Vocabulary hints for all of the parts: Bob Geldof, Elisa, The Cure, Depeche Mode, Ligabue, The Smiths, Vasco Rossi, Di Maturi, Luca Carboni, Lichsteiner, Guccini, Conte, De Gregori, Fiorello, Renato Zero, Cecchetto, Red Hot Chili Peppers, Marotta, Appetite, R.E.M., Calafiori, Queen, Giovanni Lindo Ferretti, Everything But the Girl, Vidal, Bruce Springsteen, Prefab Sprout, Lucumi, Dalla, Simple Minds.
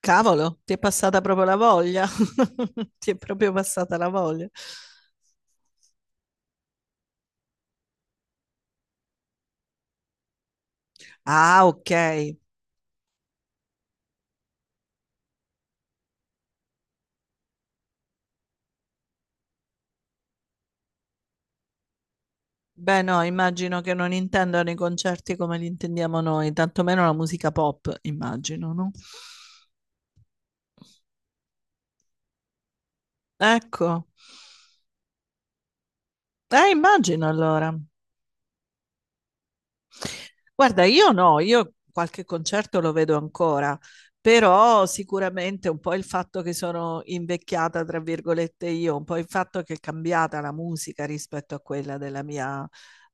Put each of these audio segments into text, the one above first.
Cavolo, ti è passata proprio la voglia. Ti è proprio passata la voglia. Ah, ok. Beh, no, immagino che non intendano i concerti come li intendiamo noi, tantomeno la musica pop, immagino, no? Ecco. Immagino allora. Guarda, io no, io qualche concerto lo vedo ancora, però sicuramente un po' il fatto che sono invecchiata, tra virgolette, io, un po' il fatto che è cambiata la musica rispetto a quella della mia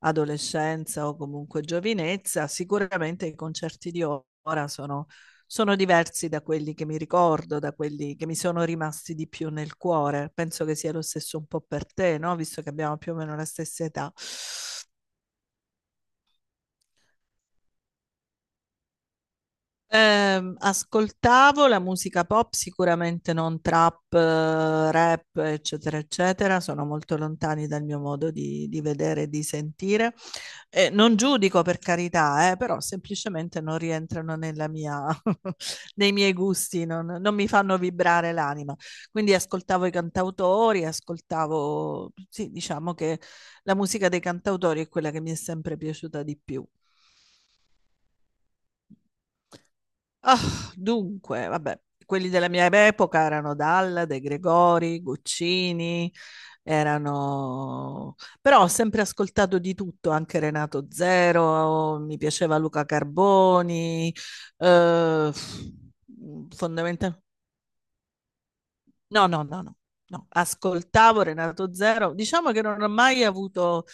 adolescenza o comunque giovinezza, sicuramente i concerti di ora sono diversi da quelli che mi ricordo, da quelli che mi sono rimasti di più nel cuore. Penso che sia lo stesso un po' per te, no? Visto che abbiamo più o meno la stessa età. Ascoltavo la musica pop, sicuramente non trap, rap, eccetera, eccetera, sono molto lontani dal mio modo di vedere e di sentire. Non giudico per carità, però semplicemente non rientrano nella mia, nei miei gusti, non mi fanno vibrare l'anima. Quindi ascoltavo i cantautori, ascoltavo, sì, diciamo che la musica dei cantautori è quella che mi è sempre piaciuta di più. Ah, dunque, vabbè, quelli della mia epoca erano Dalla, De Gregori, Guccini, erano... però ho sempre ascoltato di tutto, anche Renato Zero, mi piaceva Luca Carboni, eh, fondamentalmente... No, no, no, no, no. Ascoltavo Renato Zero. Diciamo che non ho mai avuto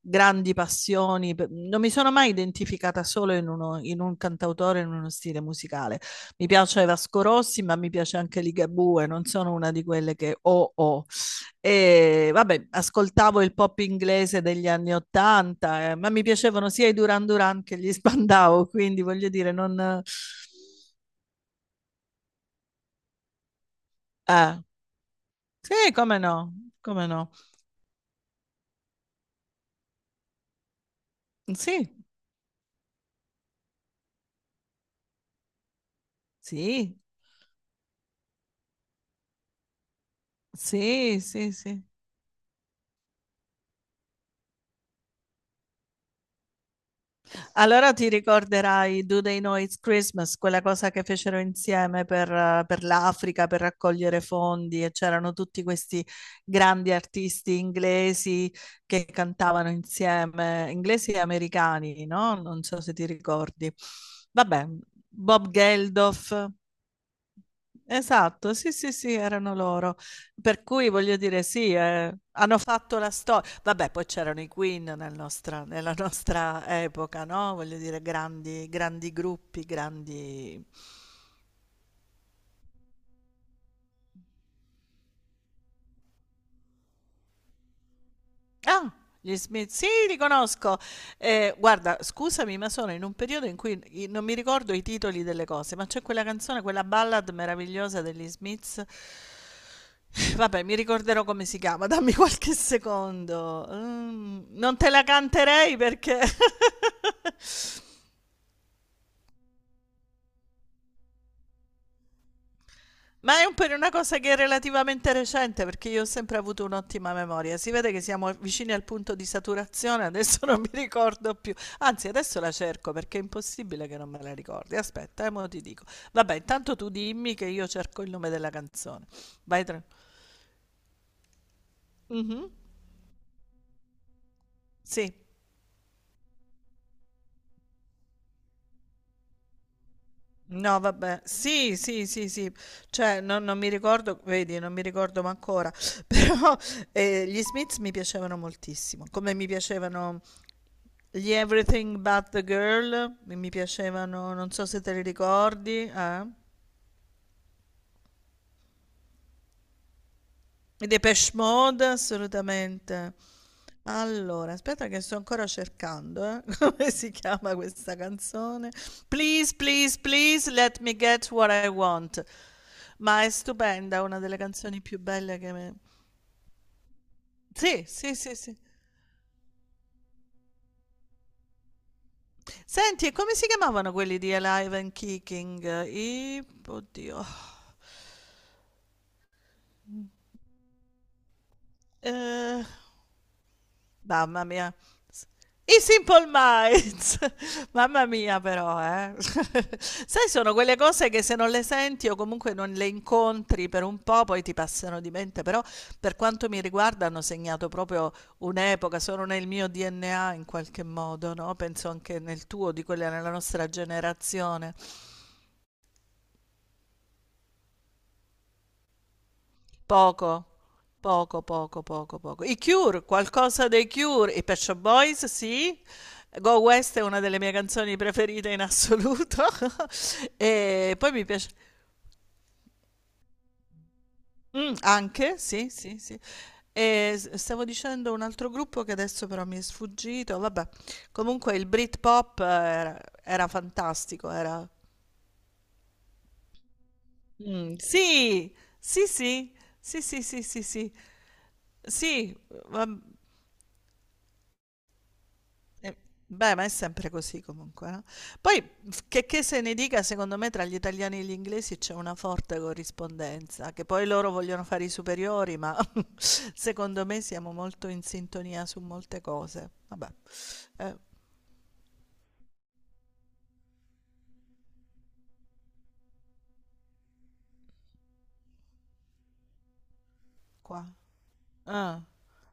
grandi passioni, non mi sono mai identificata solo in un cantautore, in uno stile musicale. Mi piace Vasco Rossi, ma mi piace anche Ligabue, non sono una di quelle che ho. E vabbè, ascoltavo il pop inglese degli anni Ottanta, ma mi piacevano sia i Duran Duran che gli Spandau, quindi voglio dire, non... eh, sì, come no, come no. Sì, sì, sì, sì, sì. Allora ti ricorderai Do They Know It's Christmas, quella cosa che fecero insieme per l'Africa, per raccogliere fondi e c'erano tutti questi grandi artisti inglesi che cantavano insieme, inglesi e americani, no? Non so se ti ricordi. Vabbè, Bob Geldof. Esatto, sì, sì, sì, erano loro. Per cui voglio dire, sì, hanno fatto la storia. Vabbè, poi c'erano i Queen nella nostra epoca, no? Voglio dire, grandi, grandi gruppi, grandi. Ah, gli Smith, sì, li conosco. Guarda, scusami, ma sono in un periodo in cui non mi ricordo i titoli delle cose, ma c'è quella canzone, quella ballad meravigliosa degli Smiths. Vabbè, mi ricorderò come si chiama, dammi qualche secondo. Mm, non te la canterei perché ma è un per una cosa che è relativamente recente perché io ho sempre avuto un'ottima memoria. Si vede che siamo vicini al punto di saturazione, adesso non mi ricordo più. Anzi, adesso la cerco perché è impossibile che non me la ricordi. Aspetta, mo ti dico. Vabbè, intanto tu dimmi che io cerco il nome della canzone. Vai tra... Mhm. Sì. No, vabbè. Sì, sì, sì, sì. Cioè, non mi ricordo, vedi, non mi ricordo ma ancora. Però gli Smiths mi piacevano moltissimo, come mi piacevano gli Everything But the Girl mi piacevano, non so se te li ricordi, eh? I Depeche Mode, assolutamente. Allora, aspetta che sto ancora cercando, come si chiama questa canzone? Please, please, please, let me get what I want. Ma è stupenda, una delle canzoni più belle che me... Sì, sì, sì, sì. Senti, e come si chiamavano quelli di Alive and Kicking? I... Oddio. Eh... Mamma mia. S I Simple Minds. Mamma mia però, eh. Sai sono quelle cose che se non le senti o comunque non le incontri per un po' poi ti passano di mente, però per quanto mi riguarda hanno segnato proprio un'epoca, sono nel mio DNA in qualche modo, no, penso anche nel tuo, di quella nella nostra generazione. Poco, poco. I Cure, qualcosa dei Cure, i Pet Shop Boys, sì. Go West è una delle mie canzoni preferite in assoluto. E poi mi piace mm, anche, sì, sì, sì. Stavo dicendo un altro gruppo che adesso però mi è sfuggito. Vabbè, comunque il Britpop era fantastico, era mm, sì, sì, sì, sì, sì, sì, sì, sì, sì, va- eh, beh, ma è sempre così comunque, no? Poi, che se ne dica, secondo me tra gli italiani e gli inglesi c'è una forte corrispondenza, che poi loro vogliono fare i superiori, ma secondo me siamo molto in sintonia su molte cose. Vabbè, eh, qua. Ah.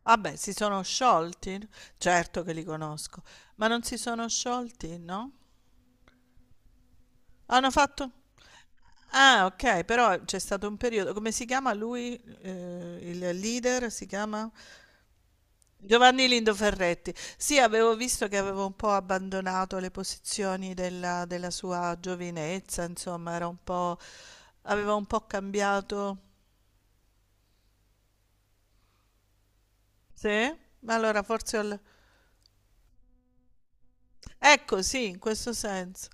Vabbè, si sono sciolti? Certo che li conosco, ma non si sono sciolti, no? Hanno fatto... Ah, ok, però c'è stato un periodo... Come si chiama lui? Il leader si chiama? Giovanni Lindo Ferretti. Sì, avevo visto che avevo un po' abbandonato le posizioni della sua giovinezza, insomma, era un po'... aveva un po' cambiato. Sì? Ma allora forse... Ecco, sì, in questo senso.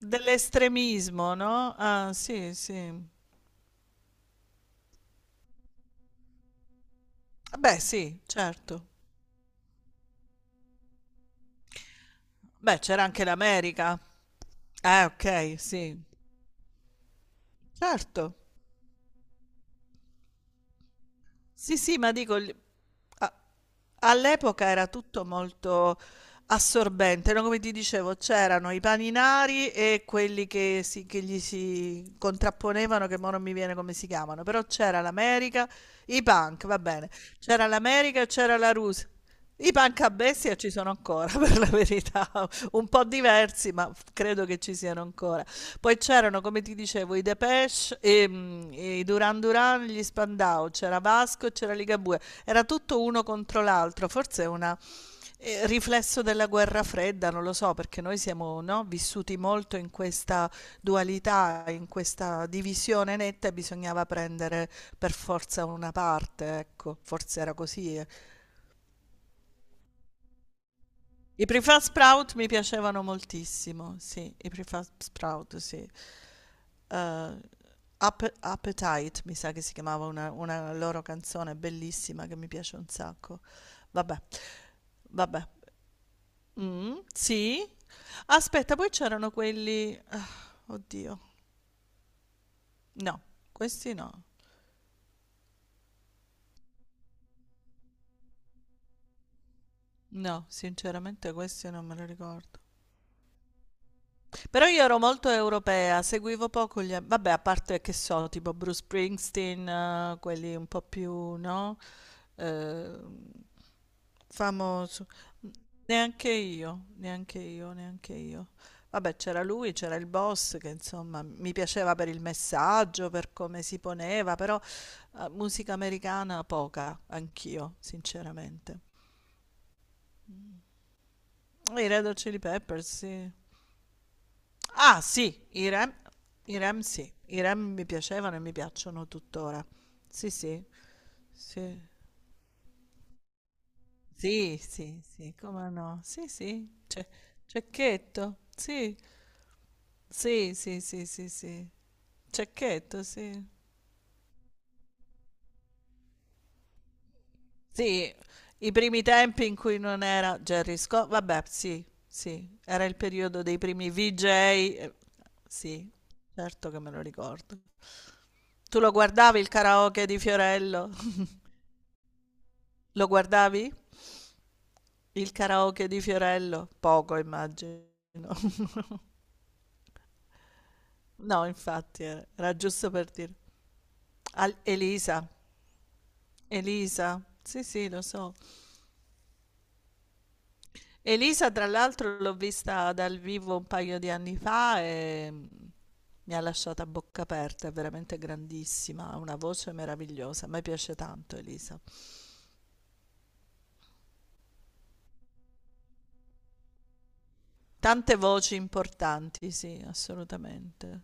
Dell'estremismo, no? Ah, sì, sì. Beh, sì, certo. Beh, c'era anche l'America. Ok, sì. Certo. Sì, sì, ma dico... All'epoca era tutto molto assorbente, no? Come ti dicevo, c'erano i paninari e quelli che gli si contrapponevano, che ora non mi viene come si chiamano, però c'era l'America, i punk, va bene, c'era l'America e c'era la Russia. I punk a bestia ci sono ancora, per la verità, un po' diversi, ma credo che ci siano ancora. Poi c'erano, come ti dicevo, i Depeche, i Duran Duran, gli Spandau, c'era Vasco e c'era Ligabue. Era tutto uno contro l'altro, forse è un riflesso della guerra fredda, non lo so, perché noi siamo, no, vissuti molto in questa dualità, in questa divisione netta e bisognava prendere per forza una parte, ecco, forse era così. Eh. I Prefab Sprout mi piacevano moltissimo, sì, i Prefab Sprout, sì. Eh, Appetite, mi sa che si chiamava una loro canzone bellissima che mi piace un sacco. Vabbè, vabbè. Sì. Aspetta, poi c'erano quelli oddio. No, questi no. No, sinceramente questi non me li ricordo. Però io ero molto europea, seguivo poco gli... Vabbè, a parte che so, tipo Bruce Springsteen, quelli un po' più, no? Ehm, famoso. Neanche io, neanche io, neanche io. Vabbè, c'era lui, c'era il boss che insomma mi piaceva per il messaggio, per come si poneva, però musica americana poca, anch'io, sinceramente. I Red Hot Chili Peppers, sì. Ah, sì, i Rem sì, i Rem mi piacevano e mi piacciono tuttora. Sì, sì, sì, sì, sì, sì, come no? Sì, sì, c'è Cecchetto, sì, sì, sì, sì, sì, sì. Cecchetto, sì. Sì, i primi tempi in cui non era Jerry Scott, vabbè, sì, sì, era il periodo dei primi VJ, sì, certo che me lo ricordo. Tu lo guardavi il karaoke di Fiorello? Lo guardavi? Il karaoke di Fiorello? Poco, immagino. No, infatti, era giusto per dire. Elisa, Elisa, sì, sì, lo so. Elisa, tra l'altro, l'ho vista dal vivo un paio di anni fa e mm, mi ha lasciata a bocca aperta, è veramente grandissima, ha una voce meravigliosa, a me piace tanto Elisa. Tante voci importanti, sì, assolutamente.